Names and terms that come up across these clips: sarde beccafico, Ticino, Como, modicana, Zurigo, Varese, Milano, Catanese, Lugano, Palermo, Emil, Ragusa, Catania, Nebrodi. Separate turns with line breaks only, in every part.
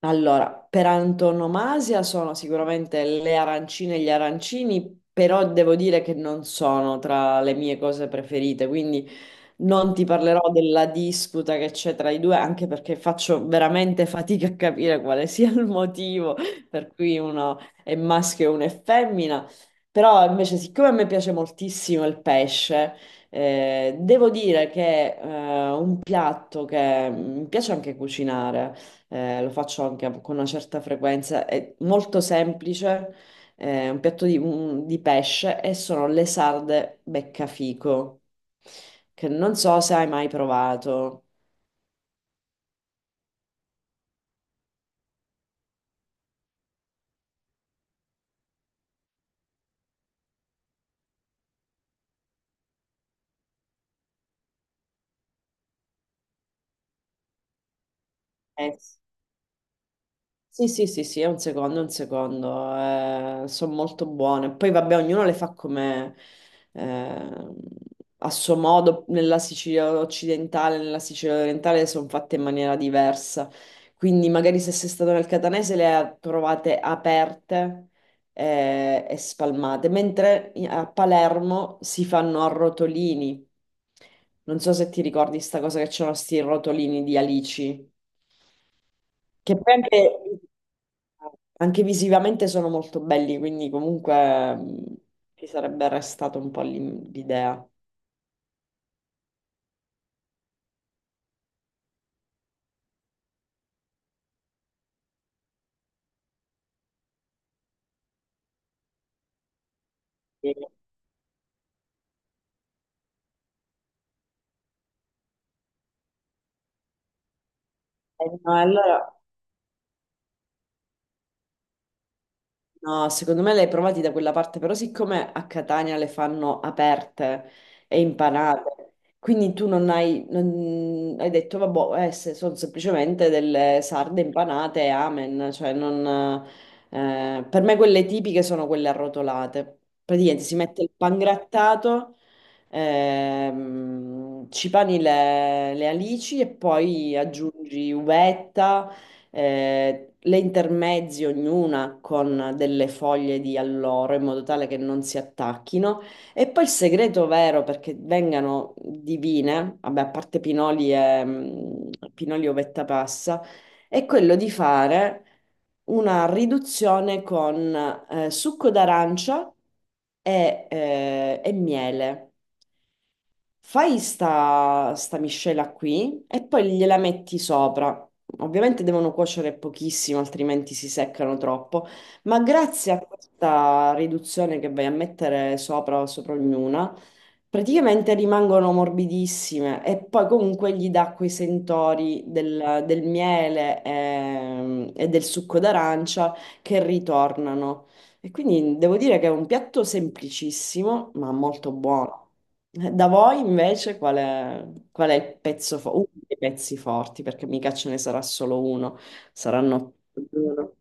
Allora, per antonomasia sono sicuramente le arancine e gli arancini, però devo dire che non sono tra le mie cose preferite, quindi non ti parlerò della disputa che c'è tra i due, anche perché faccio veramente fatica a capire quale sia il motivo per cui uno è maschio e uno è femmina. Però invece, siccome a me piace moltissimo il pesce, devo dire che un piatto che mi piace anche cucinare, lo faccio anche con una certa frequenza, è molto semplice un piatto di pesce e sono le sarde beccafico, che non so se hai mai provato. Eh. Sì, sì, sì, sì, è un secondo, sono molto buone. Poi vabbè, ognuno le fa come eh, a suo modo, nella Sicilia occidentale, nella Sicilia orientale sono fatte in maniera diversa. Quindi magari se sei stato nel Catanese trovate aperte e spalmate, mentre a Palermo si fanno a rotolini. Non so se ti ricordi sta cosa che c'erano sti rotolini di alici. Che poi anche, anche visivamente sono molto belli, quindi comunque ci sarebbe restato un po' l'idea. E- allora no, secondo me le hai provati da quella parte, però siccome a Catania le fanno aperte e impanate, quindi tu non hai, non- hai detto, vabbè, se sono semplicemente delle sarde impanate e amen, cioè non, per me quelle tipiche sono quelle arrotolate. Praticamente si mette il pangrattato, ci pani le alici e poi aggiungi uvetta le intermezzi ognuna con delle foglie di alloro in modo tale che non si attacchino. E poi il segreto vero perché vengano divine, vabbè, a parte pinoli e mm, pinoli ovetta passa, è quello di fare una riduzione con succo d'arancia e e miele. Fai sta miscela qui e poi gliela metti sopra. Ovviamente devono cuocere pochissimo, altrimenti si seccano troppo, ma grazie a questa riduzione che vai a mettere sopra o sopra ognuna, praticamente rimangono morbidissime e poi comunque gli dà quei sentori del miele del succo d'arancia che ritornano. E quindi devo dire che è un piatto semplicissimo, ma molto buono. Da voi invece qual è il pezzo forte? Uno dei pezzi forti, perché mica ce ne sarà solo uno, saranno più di uno.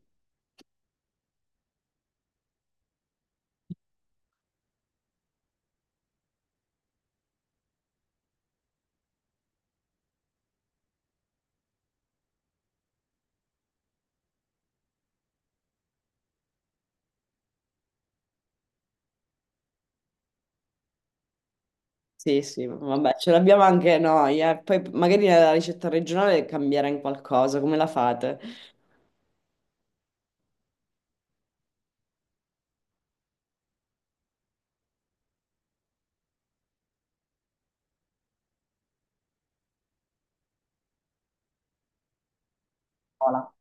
Sì, sì, vabbè, ce l'abbiamo anche noi, eh. Poi magari la ricetta regionale cambierà in qualcosa, come la fate? Hola.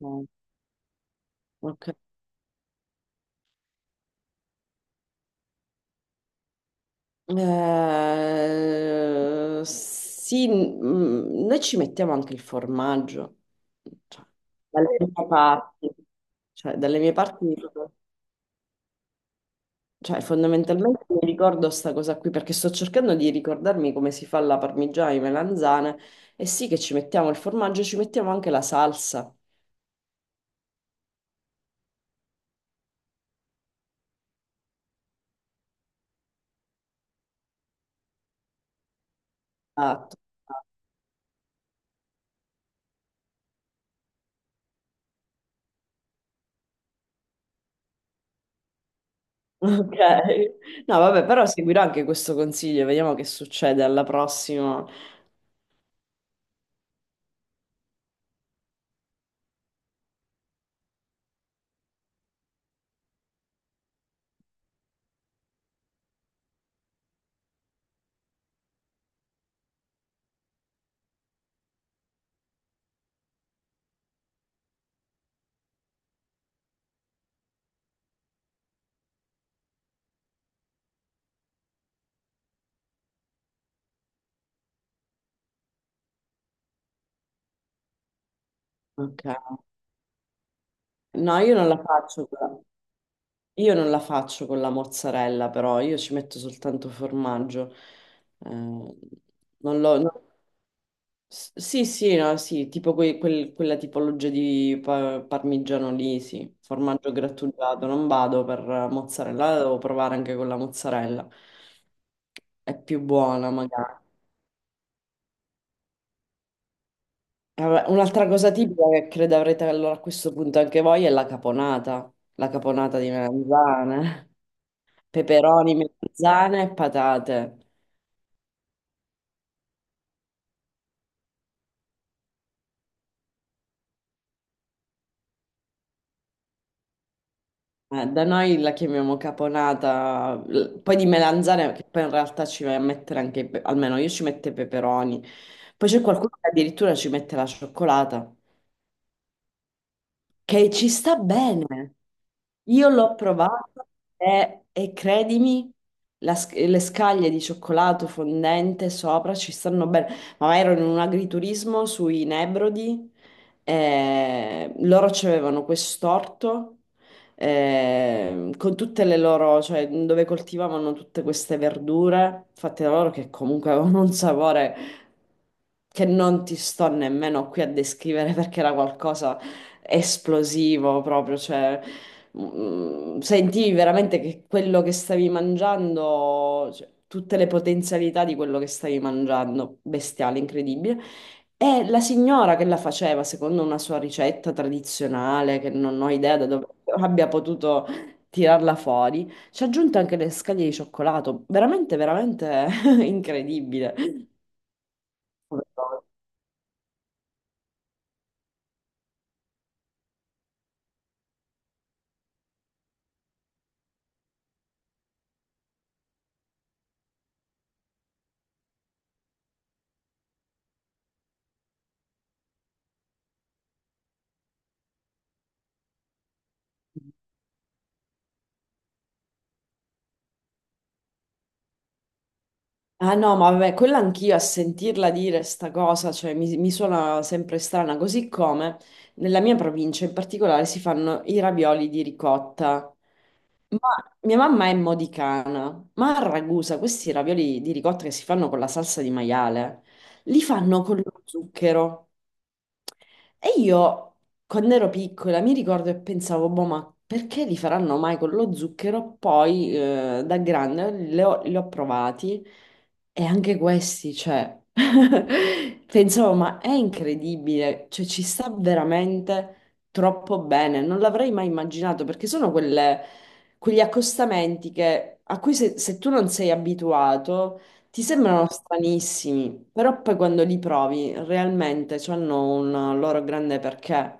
Ok. Ok. Sì, mm, noi ci mettiamo anche il formaggio. Cioè, dalle mie parti, cioè, dalle mie parti. Cioè, fondamentalmente mi ricordo sta cosa qui perché sto cercando di ricordarmi come si fa la parmigiana di melanzane e sì che ci mettiamo il formaggio, ci mettiamo anche la salsa. Esatto. Ok. No, vabbè, però seguirò anche questo consiglio, vediamo che succede alla prossima. Ok. No, io non la faccio con la... Io non la faccio con la mozzarella, però io ci metto soltanto formaggio. Eh, non lo... no. Sì, sì, no, sì, tipo quella tipologia di parmigiano lì, sì, formaggio grattugiato, non vado per mozzarella, la devo provare anche con la mozzarella, è più buona magari. Vabbè, un'altra cosa tipica che credo avrete allora a questo punto anche voi è la caponata di melanzane, peperoni, melanzane e patate. Da noi la chiamiamo caponata, poi di melanzane, che poi in realtà ci vai a mettere anche, almeno io ci metto i peperoni. Poi c'è qualcuno che addirittura ci mette la cioccolata che ci sta bene. Io l'ho provato e credimi, le scaglie di cioccolato fondente sopra ci stanno bene. Ma ero in un agriturismo sui Nebrodi, e loro c'avevano quest'orto con tutte le loro, cioè dove coltivavano tutte queste verdure fatte da loro che comunque avevano un sapore che non ti sto nemmeno qui a descrivere perché era qualcosa esplosivo proprio, cioè mm, sentivi veramente che quello che stavi mangiando, cioè, tutte le potenzialità di quello che stavi mangiando, bestiale, incredibile. E la signora che la faceva, secondo una sua ricetta tradizionale, che non ho idea da dove abbia potuto tirarla fuori, ci ha aggiunto anche le scaglie di cioccolato, veramente, veramente incredibile. Ah no, ma vabbè, quella anch'io a sentirla dire sta cosa, cioè mi suona sempre strana, così come nella mia provincia in particolare si fanno i ravioli di ricotta. Ma mia mamma è modicana, ma a Ragusa questi ravioli di ricotta che si fanno con la salsa di maiale, li fanno con lo zucchero. E io, quando ero piccola, mi ricordo e pensavo, boh, ma perché li faranno mai con lo zucchero? Poi, da grande, li ho provati e anche questi, cioè, pensavo, ma è incredibile, cioè, ci sta veramente troppo bene. Non l'avrei mai immaginato perché sono quegli accostamenti a cui se tu non sei abituato ti sembrano stranissimi, però poi quando li provi realmente hanno un loro grande perché.